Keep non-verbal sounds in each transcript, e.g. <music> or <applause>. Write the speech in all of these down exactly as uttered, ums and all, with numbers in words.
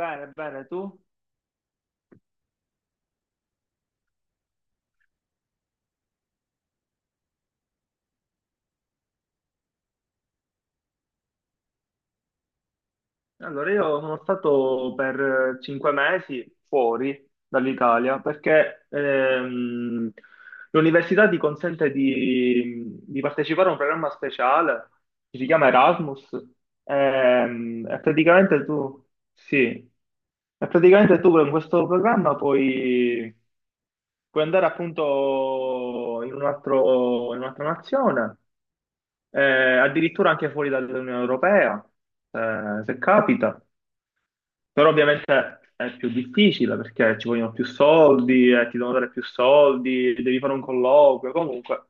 Bene, bene, tu? Allora, io sono stato per eh, cinque mesi fuori dall'Italia perché ehm, l'università ti consente di, di partecipare a un programma speciale che si chiama Erasmus. Ehm, E, praticamente tu, sì, e praticamente tu con questo programma puoi, puoi andare appunto in un altro- in un'altra nazione, eh, addirittura anche fuori dall'Unione Europea, eh, se capita. Però ovviamente è più difficile perché ci vogliono più soldi, eh, ti devono dare più soldi, devi fare un colloquio, comunque.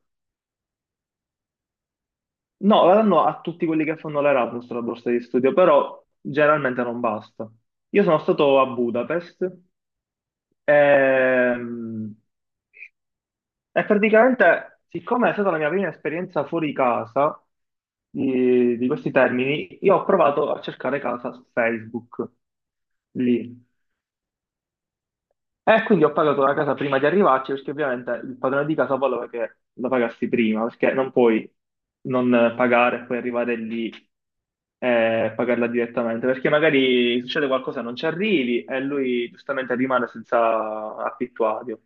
No, la danno a tutti quelli che fanno l'Erasmus la borsa di studio, però generalmente non basta. Io sono stato a Budapest, ehm, e praticamente, siccome è stata la mia prima esperienza fuori casa di, di questi termini, io ho provato a cercare casa su Facebook, lì. E quindi ho pagato la casa prima di arrivarci, perché ovviamente il padrone di casa voleva che la pagassi prima, perché non puoi non pagare e poi arrivare lì e pagarla direttamente, perché magari succede qualcosa e non ci arrivi e lui giustamente rimane senza affittuario.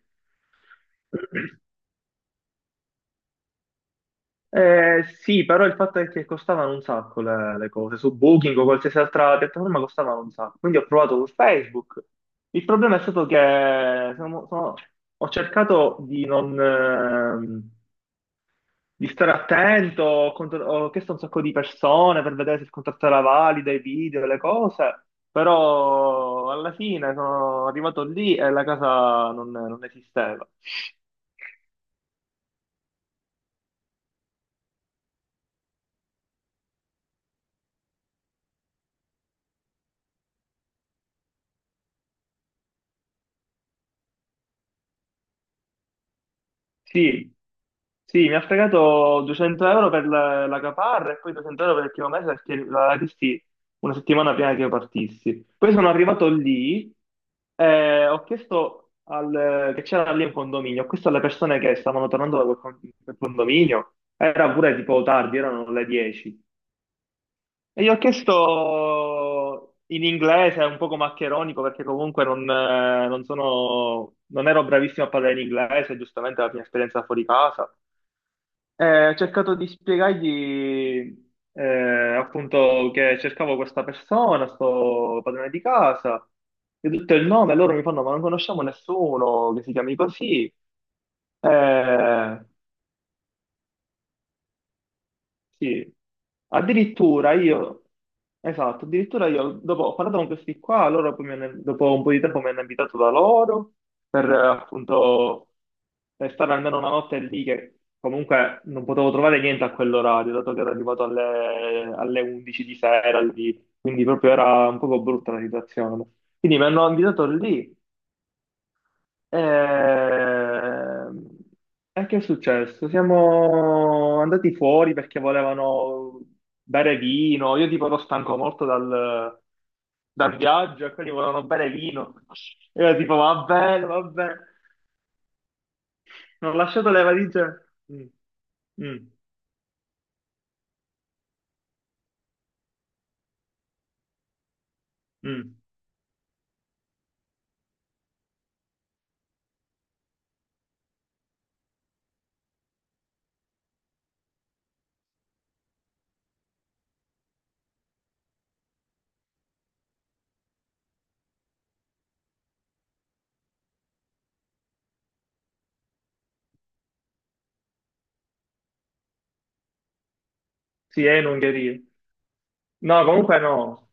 Eh, sì, però il fatto è che costavano un sacco le, le cose, su Booking o qualsiasi altra piattaforma costavano un sacco, quindi ho provato con Facebook. Il problema è stato che sono- sono- ho cercato di non, ehm, di stare attento, ho, contr- ho chiesto a un sacco di persone per vedere se il contratto era valido, i video, le cose, però alla fine sono arrivato lì e la casa non non esisteva. Sì, sì, mi ha fregato duecento euro per la, la caparra e poi duecento euro per il primo mese perché la chiesti una settimana prima che io partissi. Poi sono arrivato lì e ho chiesto al, che c'era lì un condominio, ho chiesto alle persone che stavano tornando da quel con- quel condominio, era pure tipo tardi, erano le dieci. E gli ho chiesto in inglese, un poco maccheronico, perché comunque non, eh, non sono, non ero bravissimo a parlare in inglese, giustamente la mia esperienza fuori casa. Eh, ho cercato di spiegargli eh, appunto che cercavo questa persona, sto padrone di casa, gli ho detto il nome, loro mi fanno, ma non conosciamo nessuno che si chiami così. Eh, sì, addirittura io, esatto, addirittura io dopo ho parlato con questi qua, loro poi mi hanno- dopo un po' di tempo mi hanno invitato da loro per eh, appunto per stare almeno una notte lì che comunque non potevo trovare niente a quell'orario, dato che ero arrivato alle, alle undici di sera lì, quindi proprio era un poco brutta la situazione. Quindi mi hanno invitato lì. Ehm, E che è successo? Siamo andati fuori perché volevano bere vino. Io tipo ero stanco molto dal, dal viaggio e quelli volevano bere vino. E io tipo, va bene, va bene. Non ho lasciato le valigie. Mm. Mm. Mm. Sì, è in Ungheria. No, comunque no.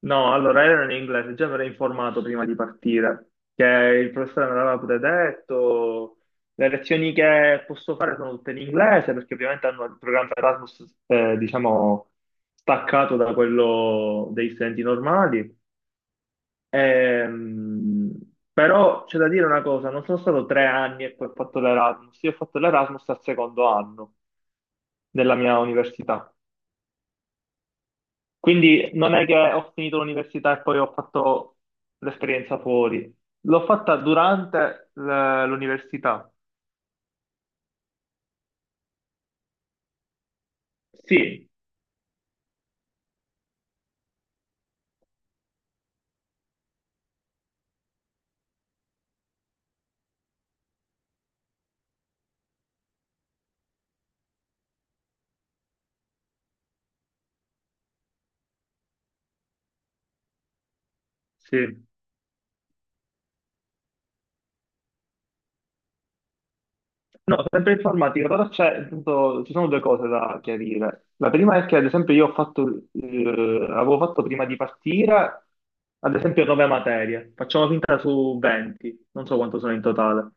No, allora ero in inglese, già mi ero informato prima di partire, che il professore me l'aveva pure detto, le lezioni che posso fare sono tutte in inglese, perché ovviamente hanno il programma Erasmus, eh, diciamo, staccato da quello degli studenti normali. Ehm, Però c'è da dire una cosa, non sono stato tre anni e poi ho fatto l'Erasmus, io ho fatto l'Erasmus al secondo anno della mia università. Quindi non è che ho finito l'università e poi ho fatto l'esperienza fuori. L'ho fatta durante l- l'università. Sì, sì. No, sempre informatica, però c'è, appunto, ci sono due cose da chiarire. La prima è che, ad esempio, io ho fatto, eh, avevo fatto prima di partire, ad esempio, nove materie. Facciamo finta su venti, non so quanto sono in totale.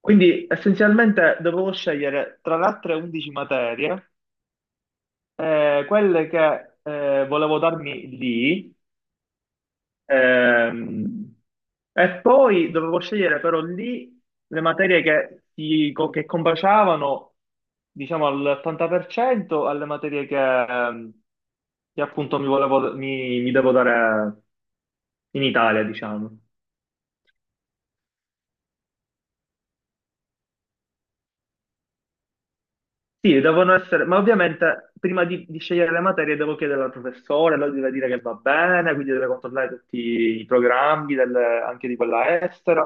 Quindi essenzialmente dovevo scegliere tra le altre undici materie. Eh, quelle che eh, volevo darmi lì, ehm, e poi dovevo scegliere però lì le materie che, si- co- che combaciavano, diciamo, all'ottanta per cento alle materie che, ehm, che appunto mi volevo, mi, mi devo dare in Italia, diciamo. Sì, devono essere, ma ovviamente prima di, di scegliere le materie devo chiedere al professore, lui deve dire che va bene, quindi deve controllare tutti i programmi del- anche di quella estera.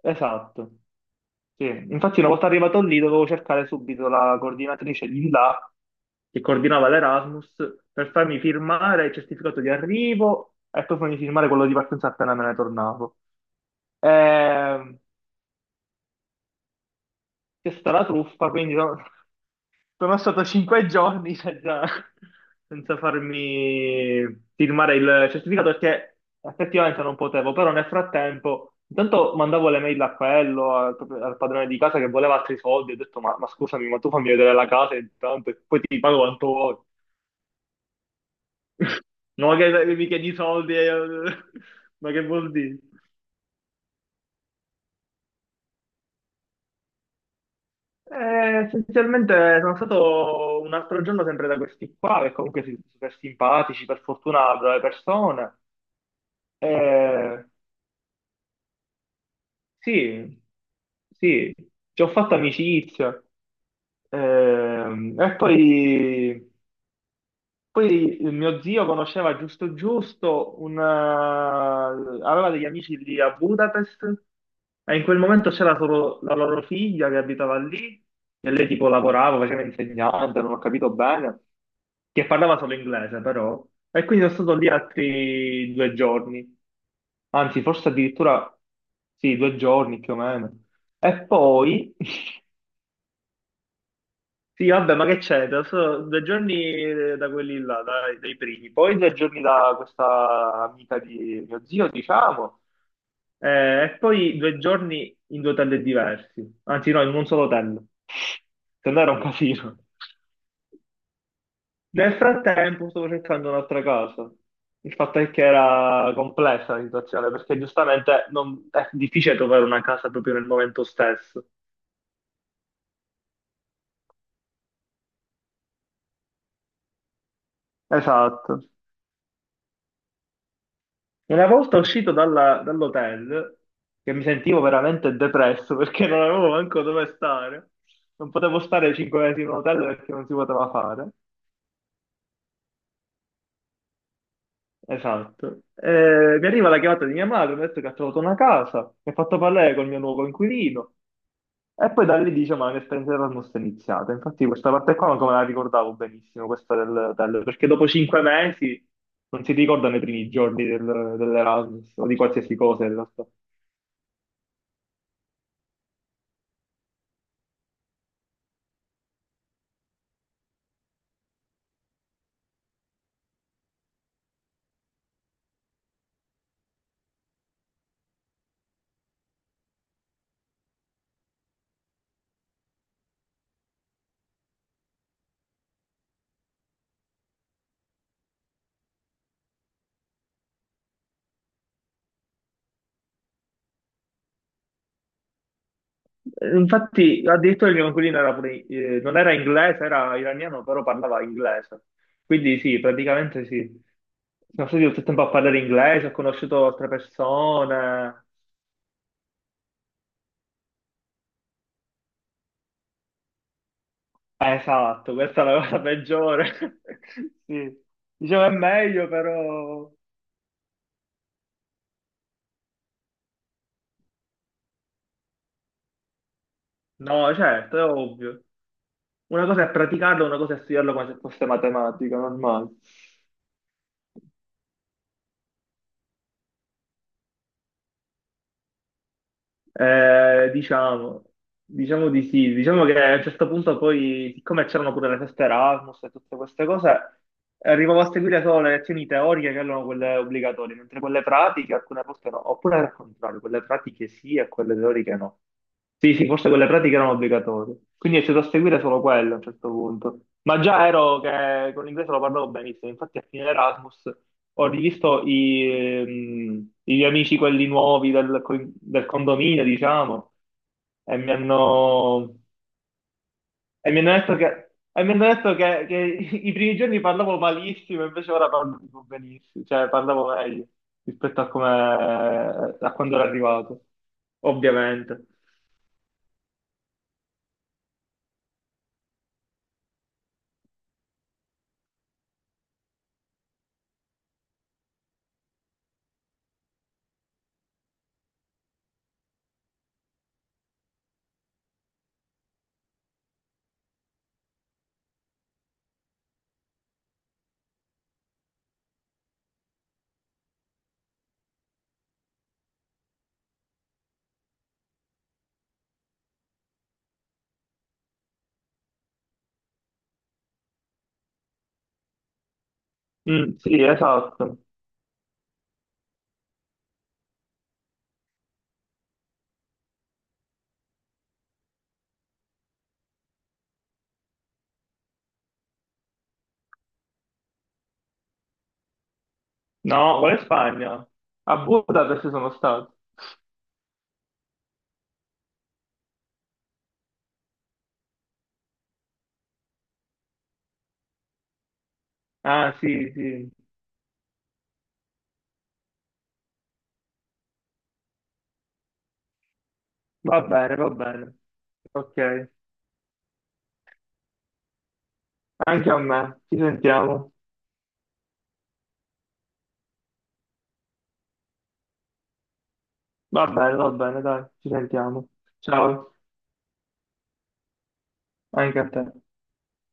Esatto. Sì. Infatti, una volta arrivato lì, dovevo cercare subito la coordinatrice di là che coordinava l'Erasmus per farmi firmare il certificato di arrivo e poi farmi firmare quello di partenza appena me ne tornavo. Ehm, C'è stata la truffa, quindi no. Sono stato cinque giorni senza, senza farmi firmare il certificato perché effettivamente non potevo, però nel frattempo intanto mandavo le mail a quello, al, al padrone di casa che voleva altri soldi, ho detto ma, ma scusami, ma tu fammi vedere la casa intanto e poi ti pago quanto vuoi. No, che che mi chiedi i soldi, eh, <laughs> ma che vuol dire? Eh, essenzialmente sono stato un altro giorno sempre da questi qua, che comunque sono super simpatici, per fortuna brave persone. Eh, Sì, sì, ci ho fatto amicizia. Ehm, e poi poi il mio zio conosceva giusto giusto, un, eh, aveva degli amici lì a Budapest e in quel momento c'era solo la loro figlia che abitava lì e lei tipo lavorava, faceva insegnante, non ho capito bene, che parlava solo inglese però. E quindi sono stato lì altri due giorni, anzi forse addirittura sì, due giorni più o meno. E poi <laughs> sì, vabbè, ma che c'è? Da so- due giorni eh, da quelli là, dai, dai primi, poi due giorni da questa amica di mio zio, diciamo, eh, e poi due giorni in due hotel diversi, anzi no, in un solo hotel. Se no era un casino. Nel frattempo stavo cercando un'altra casa. Il fatto è che era complessa la situazione, perché giustamente non- è difficile trovare una casa proprio nel momento stesso. Esatto. Una volta uscito dalla- dall'hotel, che mi sentivo veramente depresso <laughs> perché non avevo manco dove stare, non potevo stare cinque mesi in un hotel perché non si poteva fare. Esatto. Eh, mi arriva la chiamata di mia madre, mi ha detto che ha trovato una casa, mi ha fatto parlare col mio nuovo inquilino e poi da lì dice ma l'esperienza Erasmus è iniziata. Infatti questa parte qua non me la ricordavo benissimo, questa dell'hotel, perché dopo cinque mesi non si ricordano i primi giorni del- dell'Erasmus o di qualsiasi cosa in realtà. Infatti, addirittura il mio coinquilino era pure, eh, non era inglese, era iraniano, però parlava inglese. Quindi sì, praticamente sì. Sono stato tutto il tempo a parlare inglese, ho conosciuto altre persone. Eh, Esatto, questa è la cosa peggiore. <laughs> Sì. Dicevo è meglio, però... No, certo, è ovvio. Una cosa è praticarlo, una cosa è studiarlo come se fosse matematica, normale. Eh, diciamo, diciamo di sì, diciamo che a un certo punto poi, siccome c'erano pure le feste Erasmus e tutte queste cose, arrivavo a seguire solo le lezioni teoriche che erano quelle obbligatorie, mentre quelle pratiche alcune volte no, oppure al contrario, quelle pratiche sì e quelle teoriche no. Sì, sì, forse quelle pratiche erano obbligatorie, quindi è stato a seguire solo quello a un certo punto. Ma già ero che con l'inglese lo parlavo benissimo, infatti a fine Erasmus ho rivisto i, ehm, i miei amici, quelli nuovi del, co- del condominio, diciamo, e mi hanno, e mi hanno detto che, e mi hanno detto che- che i primi giorni parlavo malissimo, invece ora parlo tipo benissimo, cioè parlavo meglio rispetto a come, a quando ero arrivato, ovviamente. Mm, sì, esatto. No, qual è Spagna? A Budapest sono stato. Ah, sì, sì. Va bene, va bene. Ok. Anche a me, ci sentiamo. Va bene, va bene, dai, ci sentiamo. Ciao, anche a te.